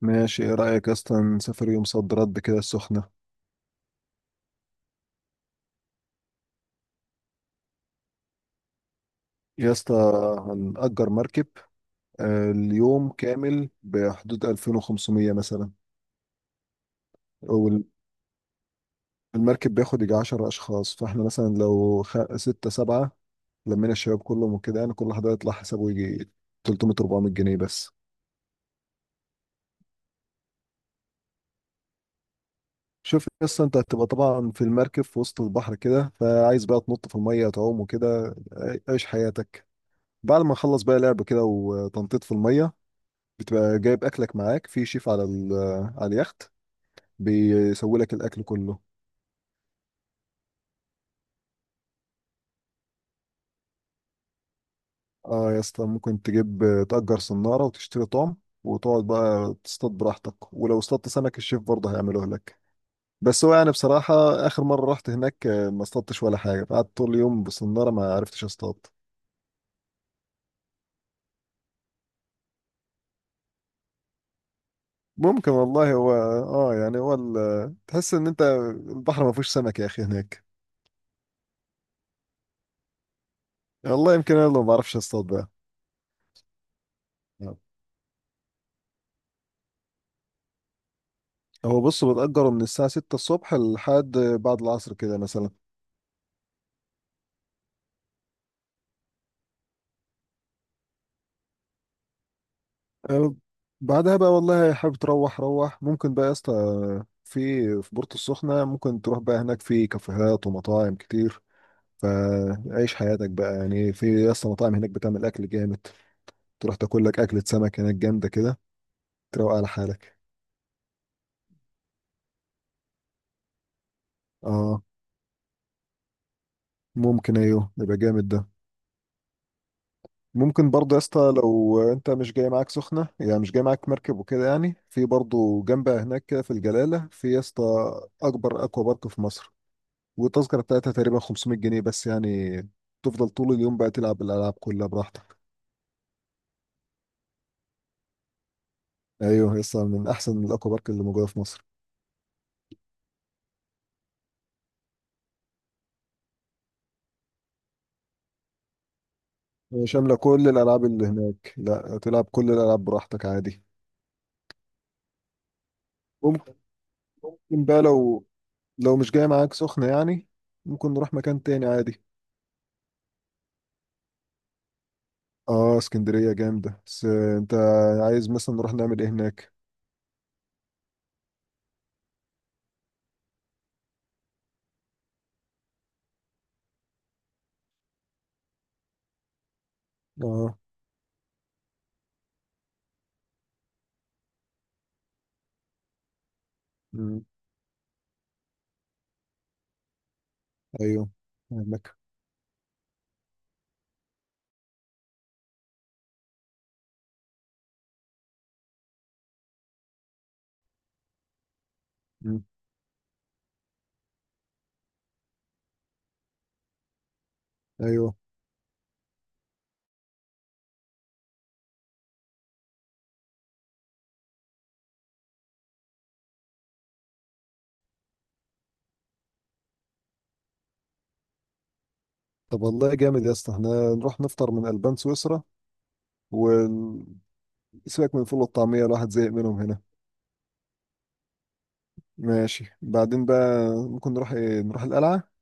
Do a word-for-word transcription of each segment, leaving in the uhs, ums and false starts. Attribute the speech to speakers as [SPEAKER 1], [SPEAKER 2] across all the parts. [SPEAKER 1] ماشي، ايه رأيك يا اسطى نسافر يوم صد رد كده السخنة؟ يا اسطى، هنأجر مركب. آه، اليوم كامل بحدود ألفين وخمسميه مثلا. والمركب بياخد يجي عشرة أشخاص، فاحنا مثلا لو خ- ستة سبعة لمينا الشباب كلهم وكده، يعني كل واحد هيطلع حسابه يجي ثلاثمائة أربعمائة جنيه بس. شوف يا اسطى، انت هتبقى طبعا في المركب في وسط البحر كده، فعايز بقى تنط في المية تعوم وكده. عيش حياتك. بعد ما نخلص بقى لعب كده وتنطيط في المية، بتبقى جايب اكلك معاك. في شيف على ال- على اليخت بيسوي لك الاكل كله. اه يا اسطى، ممكن تجيب تأجر صنارة وتشتري طعم، وتقعد بقى تصطاد براحتك، ولو اصطادت سمك الشيف برضه هيعمله لك. بس هو يعني بصراحة، آخر مرة رحت هناك آه، ما اصطادتش ولا حاجة، قعدت طول اليوم بالصنارة ما عرفتش اصطاد. ممكن والله. هو اه يعني هو ال- تحس ان انت البحر ما فيهوش سمك يا اخي هناك. والله يمكن انا اللي ما بعرفش اصطاد بقى. هو بص، بتأجره من الساعة ستة الصبح لحد بعد العصر كده مثلا. أه، بعدها بقى والله حابب تروح روح، ممكن بقى يا اسطى في في بورتو السخنة. ممكن تروح بقى هناك، في كافيهات ومطاعم كتير، فعيش حياتك بقى، يعني في يا اسطى مطاعم هناك بتعمل أكل جامد، تروح تاكل لك أكلة سمك هناك جامدة كده، تروق على حالك. اه ممكن. ايوه، يبقى جامد ده. ممكن برضه يا اسطى، لو انت مش جاي معاك سخنه يعني، مش جاي معاك مركب وكده، يعني في برضه جنبها هناك كده، في الجلاله، في يا اسطى اكبر اكوا بارك في مصر. والتذكره بتاعتها تقريبا خمسمائة جنيه بس، يعني تفضل طول اليوم بقى تلعب الالعاب كلها براحتك. ايوه يا اسطى، من احسن الاكوا بارك اللي موجوده في مصر. شامله كل الالعاب اللي هناك، لا تلعب كل الالعاب براحتك عادي. ممكن ممكن بقى لو لو مش جاي معاك سخنه يعني، ممكن نروح مكان تاني عادي. اه اسكندرية جامدة، بس آه، انت عايز مثلا نروح نعمل ايه هناك؟ اه. مم. ايوه، فاهمك. مم. ايوه. طب والله جامد يا اسطى، احنا نروح نفطر من البان سويسرا، وسيبك من الفول والطعمية، الواحد زهق منهم هنا. ماشي، بعدين بقى ممكن نروح ايه، نروح القلعة.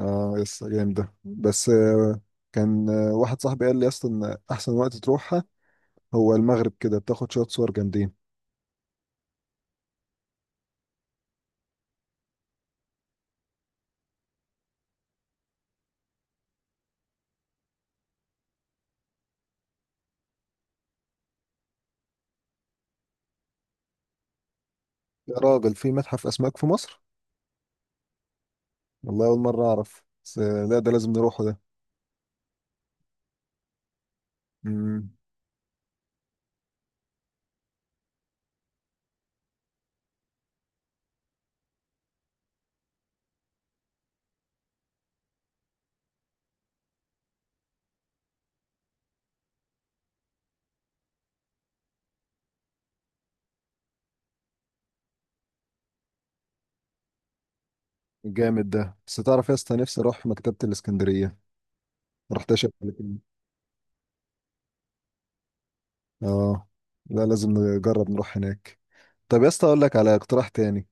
[SPEAKER 1] اه يا اسطى جامدة، بس آه، كان آه، واحد صاحبي قال لي يا اسطى، ان احسن وقت تروحها هو المغرب كده، بتاخد شوية صور جامدين. يا راجل، في متحف اسماك في مصر؟ والله اول مره اعرف. بس لا، ده لازم نروحه ده. امم. جامد ده. بس تعرف يا اسطى، نفسي اروح مكتبه الاسكندريه، ما رحتهاش قبل كده. اه. لا، لازم نجرب نروح هناك. طب يا اسطى، اقول لك على اقتراح تاني.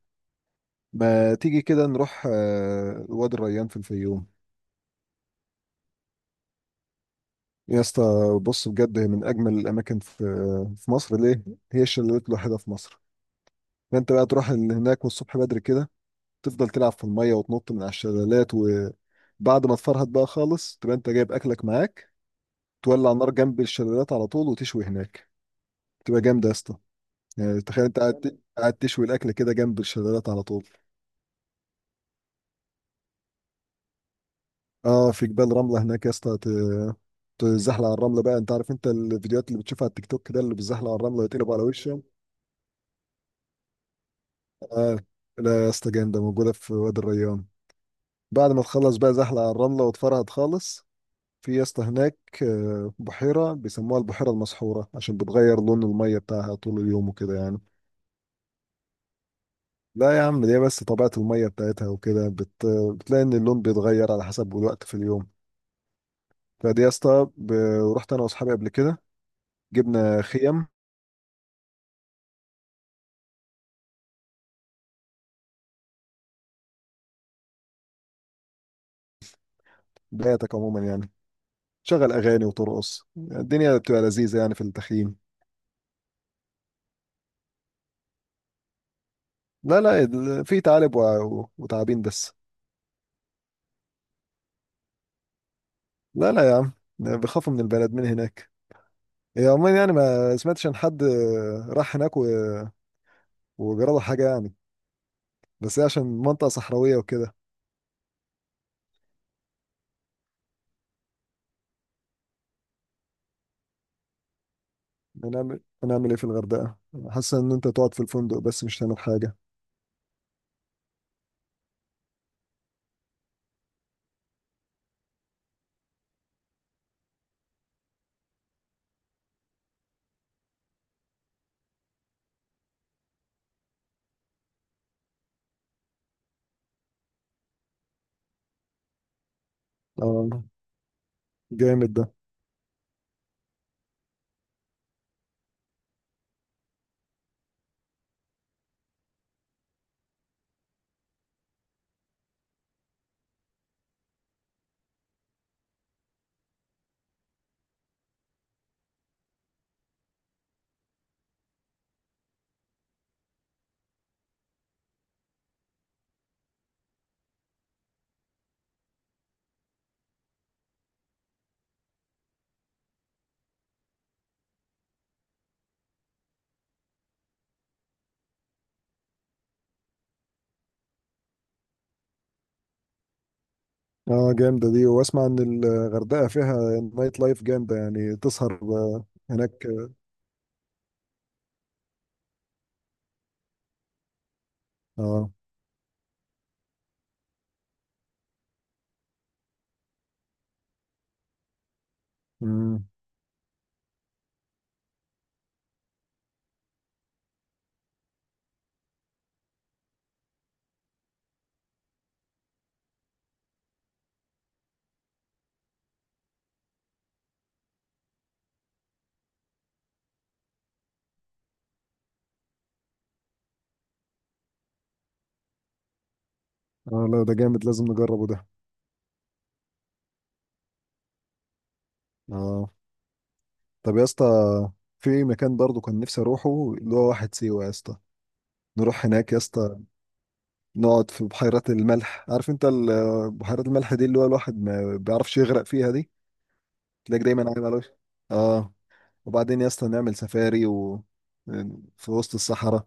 [SPEAKER 1] ما تيجي كده نروح آه، وادي الريان في الفيوم؟ يا اسطى، بص بجد، هي من اجمل الاماكن في في مصر. ليه؟ هي الشلالات الوحيده في مصر. فانت بقى تروح ال- هناك، والصبح بدري كده تفضل تلعب في الميه وتنط من على الشلالات. وبعد ما تفرهد بقى خالص، تبقى انت جايب اكلك معاك، تولع النار جنب الشلالات على طول وتشوي هناك. تبقى جامده يا اسطى. يعني تخيل انت قاعد ت- قاعد تشوي الاكل كده جنب الشلالات على طول. اه، في جبال رمله هناك يا اسطى، ت- تزحلق على الرمله. بقى انت عارف انت الفيديوهات اللي بتشوفها على التيك توك ده، اللي بيزحلق على الرمله ويتقلب على وشه. اه، لا يا اسطى، جامده موجوده في وادي الريان. بعد ما تخلص بقى زحلق على الرمله وتفرهد خالص. في يا اسطى هناك آه، بحيره بيسموها البحيره المسحوره، عشان بتغير لون الميه بتاعها طول اليوم وكده يعني. لا يا عم، دي بس طبيعة المية بتاعتها وكده بت... بتلاقي إن اللون بيتغير على حسب الوقت في اليوم. فدي يا اسطى ب... رحت أنا وأصحابي قبل كده، جبنا خيم. بياتك عموما يعني تشغل أغاني وترقص، الدنيا بتبقى لذيذة يعني في التخييم. لا، لا، ال- في تعالب و... وتعابين بس. لا، لا يا عم، بيخافوا من البلد من هناك. هي عموما يعني ما سمعتش عن حد راح هناك و... وجرى له حاجة يعني. بس هي عشان منطقة صحراوية وكده. هنعمل هنعمل ايه في الغردقة؟ حاسس ان انت تقعد في الفندق بس مش هتعمل حاجة. اه، جامد ده. اه، جامدة دي. واسمع ان الغردقة فيها نايت لايف جامدة، يعني تسهر آه، هناك. اه. امم. اه، لا ده جامد، لازم نجربه ده. اه، طب يا اسطى، في مكان برضه كان نفسي اروحه، اللي هو واحد سيوة يا اسطى. نروح هناك يا اسطى، نقعد في بحيرات الملح. عارف انت ال- بحيرات الملح دي، اللي هو الواحد ما بيعرفش يغرق فيها دي، تلاقيك دايما عايم على وشك. اه. وبعدين يا اسطى نعمل سفاري و... في وسط الصحراء،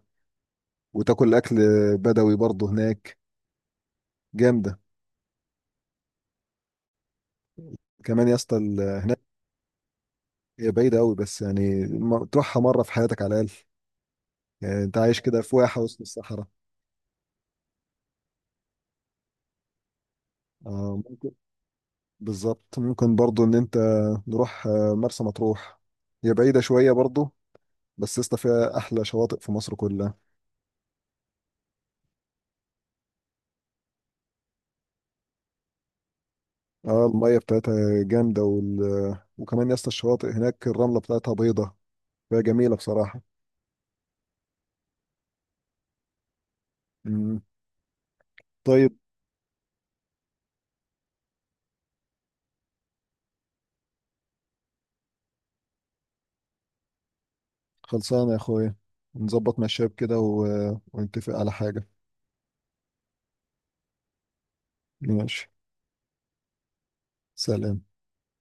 [SPEAKER 1] وتاكل اكل بدوي برضه هناك. جامده. كمان يا اسطى ال- هناك، هي بعيده قوي، بس يعني م- تروحها مره في حياتك على الاقل. يعني انت عايش كده في واحه وسط الصحراء. آه ممكن. بالظبط. ممكن برضه ان انت نروح آه، مرسى مطروح. هي بعيده شويه برضه، بس يا اسطى فيها احلى شواطئ في مصر كلها. اه، الميه بتاعتها جامده وال... وكمان يا اسطى، الشواطئ هناك الرمله بتاعتها بيضه، فهي جميله بصراحه. مم. طيب. خلصانة يا أخويا، نظبط مع الشباب كده و... ونتفق على حاجة. ماشي. سلام.